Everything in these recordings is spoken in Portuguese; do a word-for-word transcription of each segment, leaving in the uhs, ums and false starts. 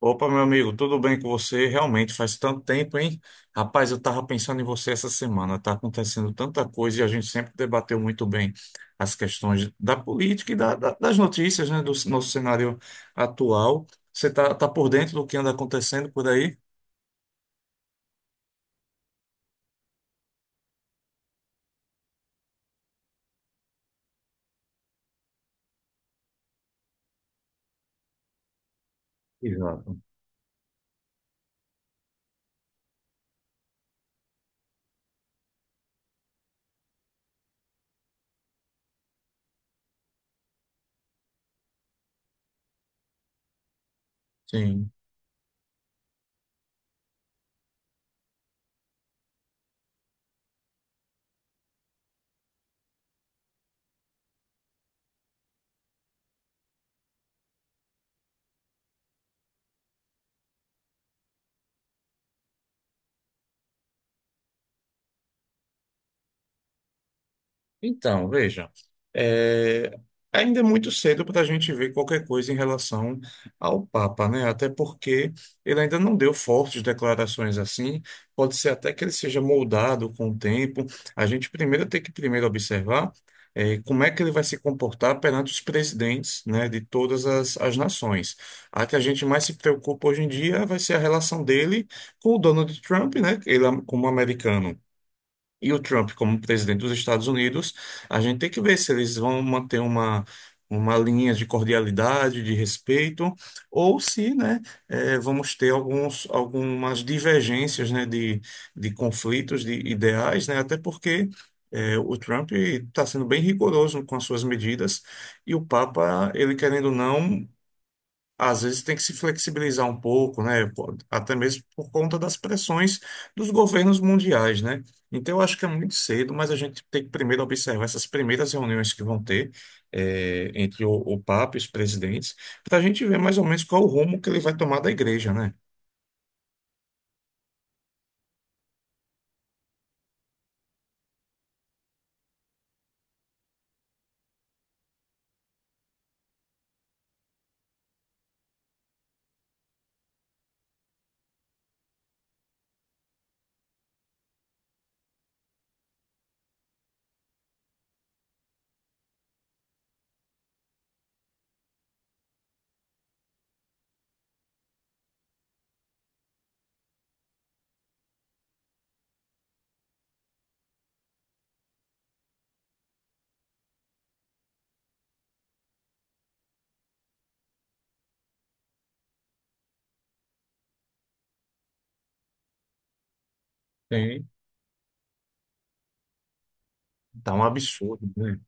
Opa, meu amigo, tudo bem com você? Realmente faz tanto tempo, hein? Rapaz, eu tava pensando em você essa semana. Tá acontecendo tanta coisa e a gente sempre debateu muito bem as questões da política e da- da- das notícias, né, do nosso cenário atual. Você tá, tá por dentro do que anda acontecendo por aí? Exato. Sim. Então, veja, é, ainda é muito cedo para a gente ver qualquer coisa em relação ao Papa, né? Até porque ele ainda não deu fortes declarações assim. Pode ser até que ele seja moldado com o tempo. A gente primeiro tem que primeiro observar é, como é que ele vai se comportar perante os presidentes, né, de todas as, as nações. A que a gente mais se preocupa hoje em dia vai ser a relação dele com o Donald Trump, né? Ele é um, como americano, e o Trump como presidente dos Estados Unidos, a gente tem que ver se eles vão manter uma, uma linha de cordialidade, de respeito, ou se, né, eh, vamos ter alguns, algumas divergências, né, de, de conflitos, de ideais, né, até porque eh, o Trump está sendo bem rigoroso com as suas medidas e o Papa, ele querendo ou não, às vezes tem que se flexibilizar um pouco, né? Pô, até mesmo por conta das pressões dos governos mundiais, né? Então, eu acho que é muito cedo, mas a gente tem que primeiro observar essas primeiras reuniões que vão ter eh, entre o, o Papa e os presidentes, para a gente ver mais ou menos qual o rumo que ele vai tomar da igreja, né? Tem, tá um absurdo, né?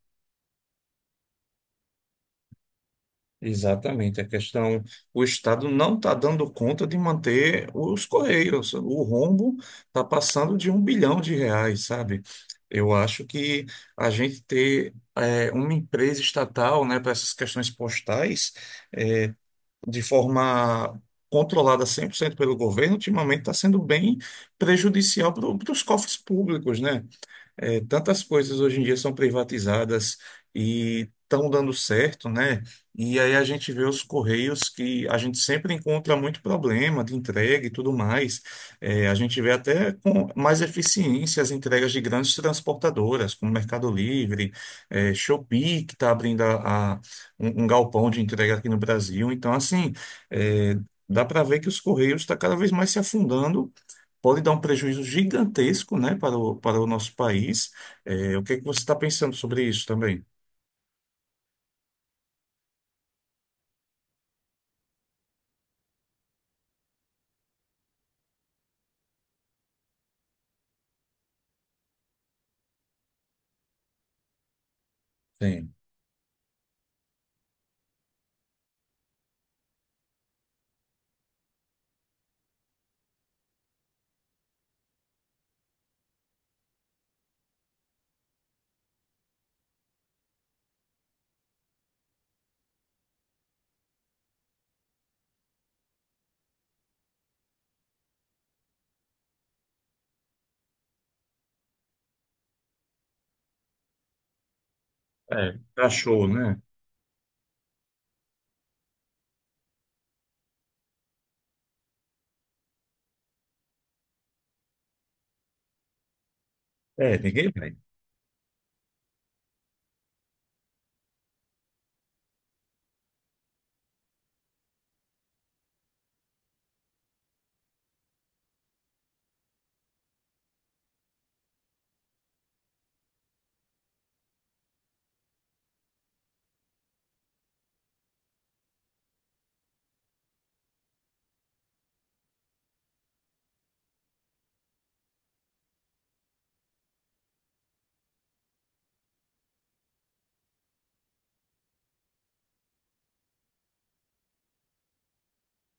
Exatamente, a questão, o Estado não está dando conta de manter os Correios. O rombo está passando de um bilhão de reais, sabe? Eu acho que a gente ter eh, uma empresa estatal, né, para essas questões postais, de forma controlada cem por cento pelo governo, ultimamente está sendo bem prejudicial para os cofres públicos, né? É, tantas coisas hoje em dia são privatizadas e estão dando certo, né? E aí a gente vê os Correios, que a gente sempre encontra muito problema de entrega e tudo mais. É, a gente vê até com mais eficiência as entregas de grandes transportadoras, como Mercado Livre, é, Shopee, que está abrindo a, a- um, um galpão de entrega aqui no Brasil. Então, assim, é, dá para ver que os Correios estão cada vez mais se afundando, pode dar um prejuízo gigantesco, né, para o, para o nosso país. É, o que é que você está pensando sobre isso também? Sim. É, cachorro, né? É, ninguém vai.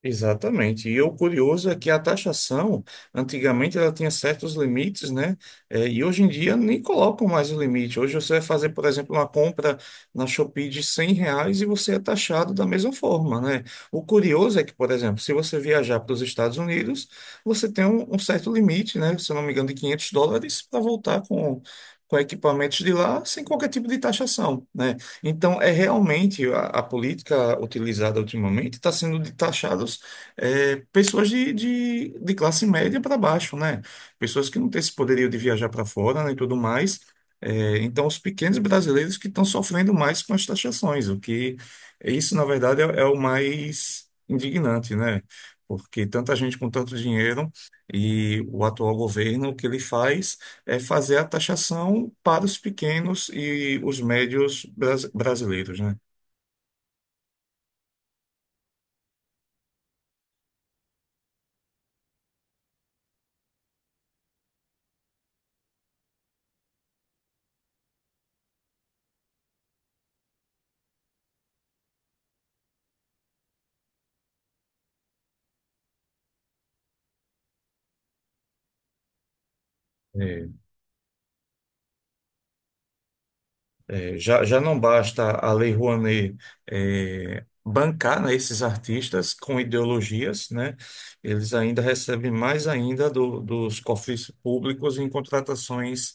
Exatamente. E o curioso é que a taxação, antigamente ela tinha certos limites, né? Eh, e hoje em dia nem colocam mais o limite. Hoje você vai fazer, por exemplo, uma compra na Shopee de cem reais e você é taxado da mesma forma, né? O curioso é que, por exemplo, se você viajar para os Estados Unidos, você tem um, um certo limite, né? Se eu não me engano, de quinhentos dólares para voltar com, com equipamentos de lá sem qualquer tipo de taxação, né? Então, é realmente a, a política utilizada ultimamente está sendo de taxados é, pessoas de, de, de classe média para baixo, né? Pessoas que não têm esse poderio de viajar para fora, né, e tudo mais. É, então, os pequenos brasileiros que estão sofrendo mais com as taxações, o que isso, na verdade, é, é o mais indignante, né? Porque tanta gente com tanto dinheiro e o atual governo, o que ele faz? É fazer a taxação para os pequenos e os médios bras- brasileiros, né? É, já, já não basta a Lei Rouanet é, bancar, né, esses artistas com ideologias, né? Eles ainda recebem mais ainda do- dos cofres públicos em contratações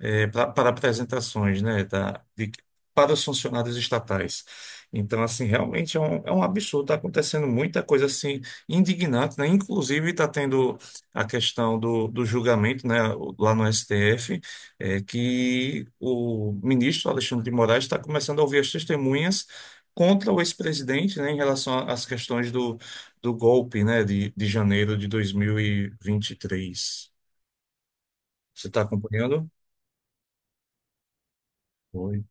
é, pra- para apresentações, né, da- de- para os funcionários estatais. Então, assim, realmente é um, é um absurdo. Está acontecendo muita coisa assim indignante, né? Inclusive está tendo a questão do, do julgamento, né, lá no S T F, é que o ministro Alexandre de Moraes está começando a ouvir as testemunhas contra o ex-presidente, né, em relação às questões do, do golpe, né, de, de janeiro de dois mil e vinte e três. Você está acompanhando? Oi.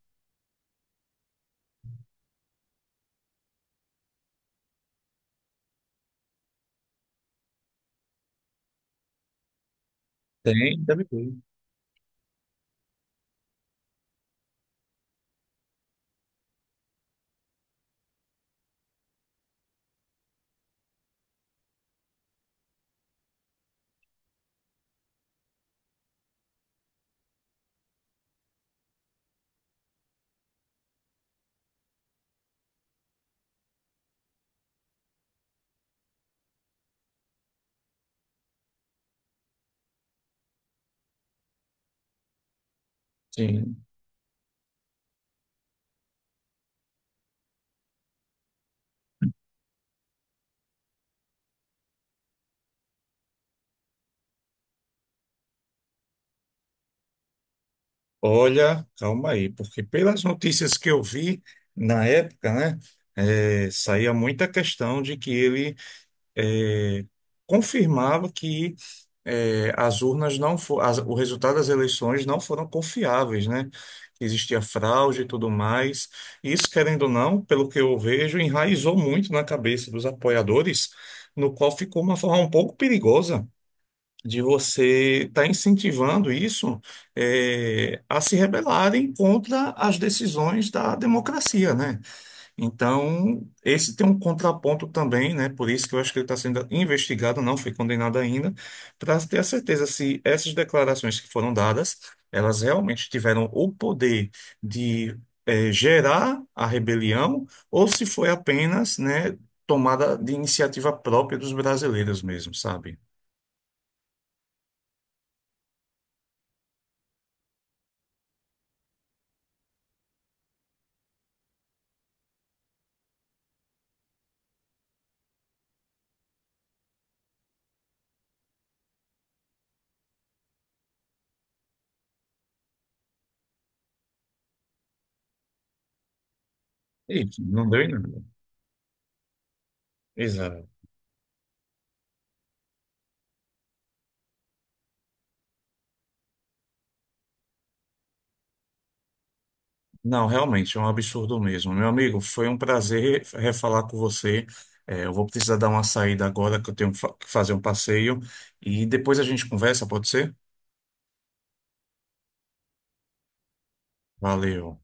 Tem, deve ter. Sim. Olha, calma aí, porque pelas notícias que eu vi na época, né, é, saía muita questão de que ele eh, confirmava que eh, as urnas não fo- as- o resultado das eleições não foram confiáveis, né? Existia fraude e tudo mais. Isso, querendo ou não, pelo que eu vejo, enraizou muito na cabeça dos apoiadores, no qual ficou uma forma um pouco perigosa de você estar incentivando isso, eh, a se rebelarem contra as decisões da democracia, né? Então, esse tem um contraponto também, né? Por isso que eu acho que ele está sendo investigado, não foi condenado ainda, para ter a certeza se essas declarações que foram dadas, elas realmente tiveram o poder de eh, gerar a rebelião ou se foi apenas, né, tomada de iniciativa própria dos brasileiros mesmo, sabe? Isso, não deu em nada. Exato. Não, realmente, é um absurdo mesmo. Meu amigo, foi um prazer refalar com você. É, eu vou precisar dar uma saída agora, que eu tenho fa- que fazer um passeio. E depois a gente conversa, pode ser? Valeu.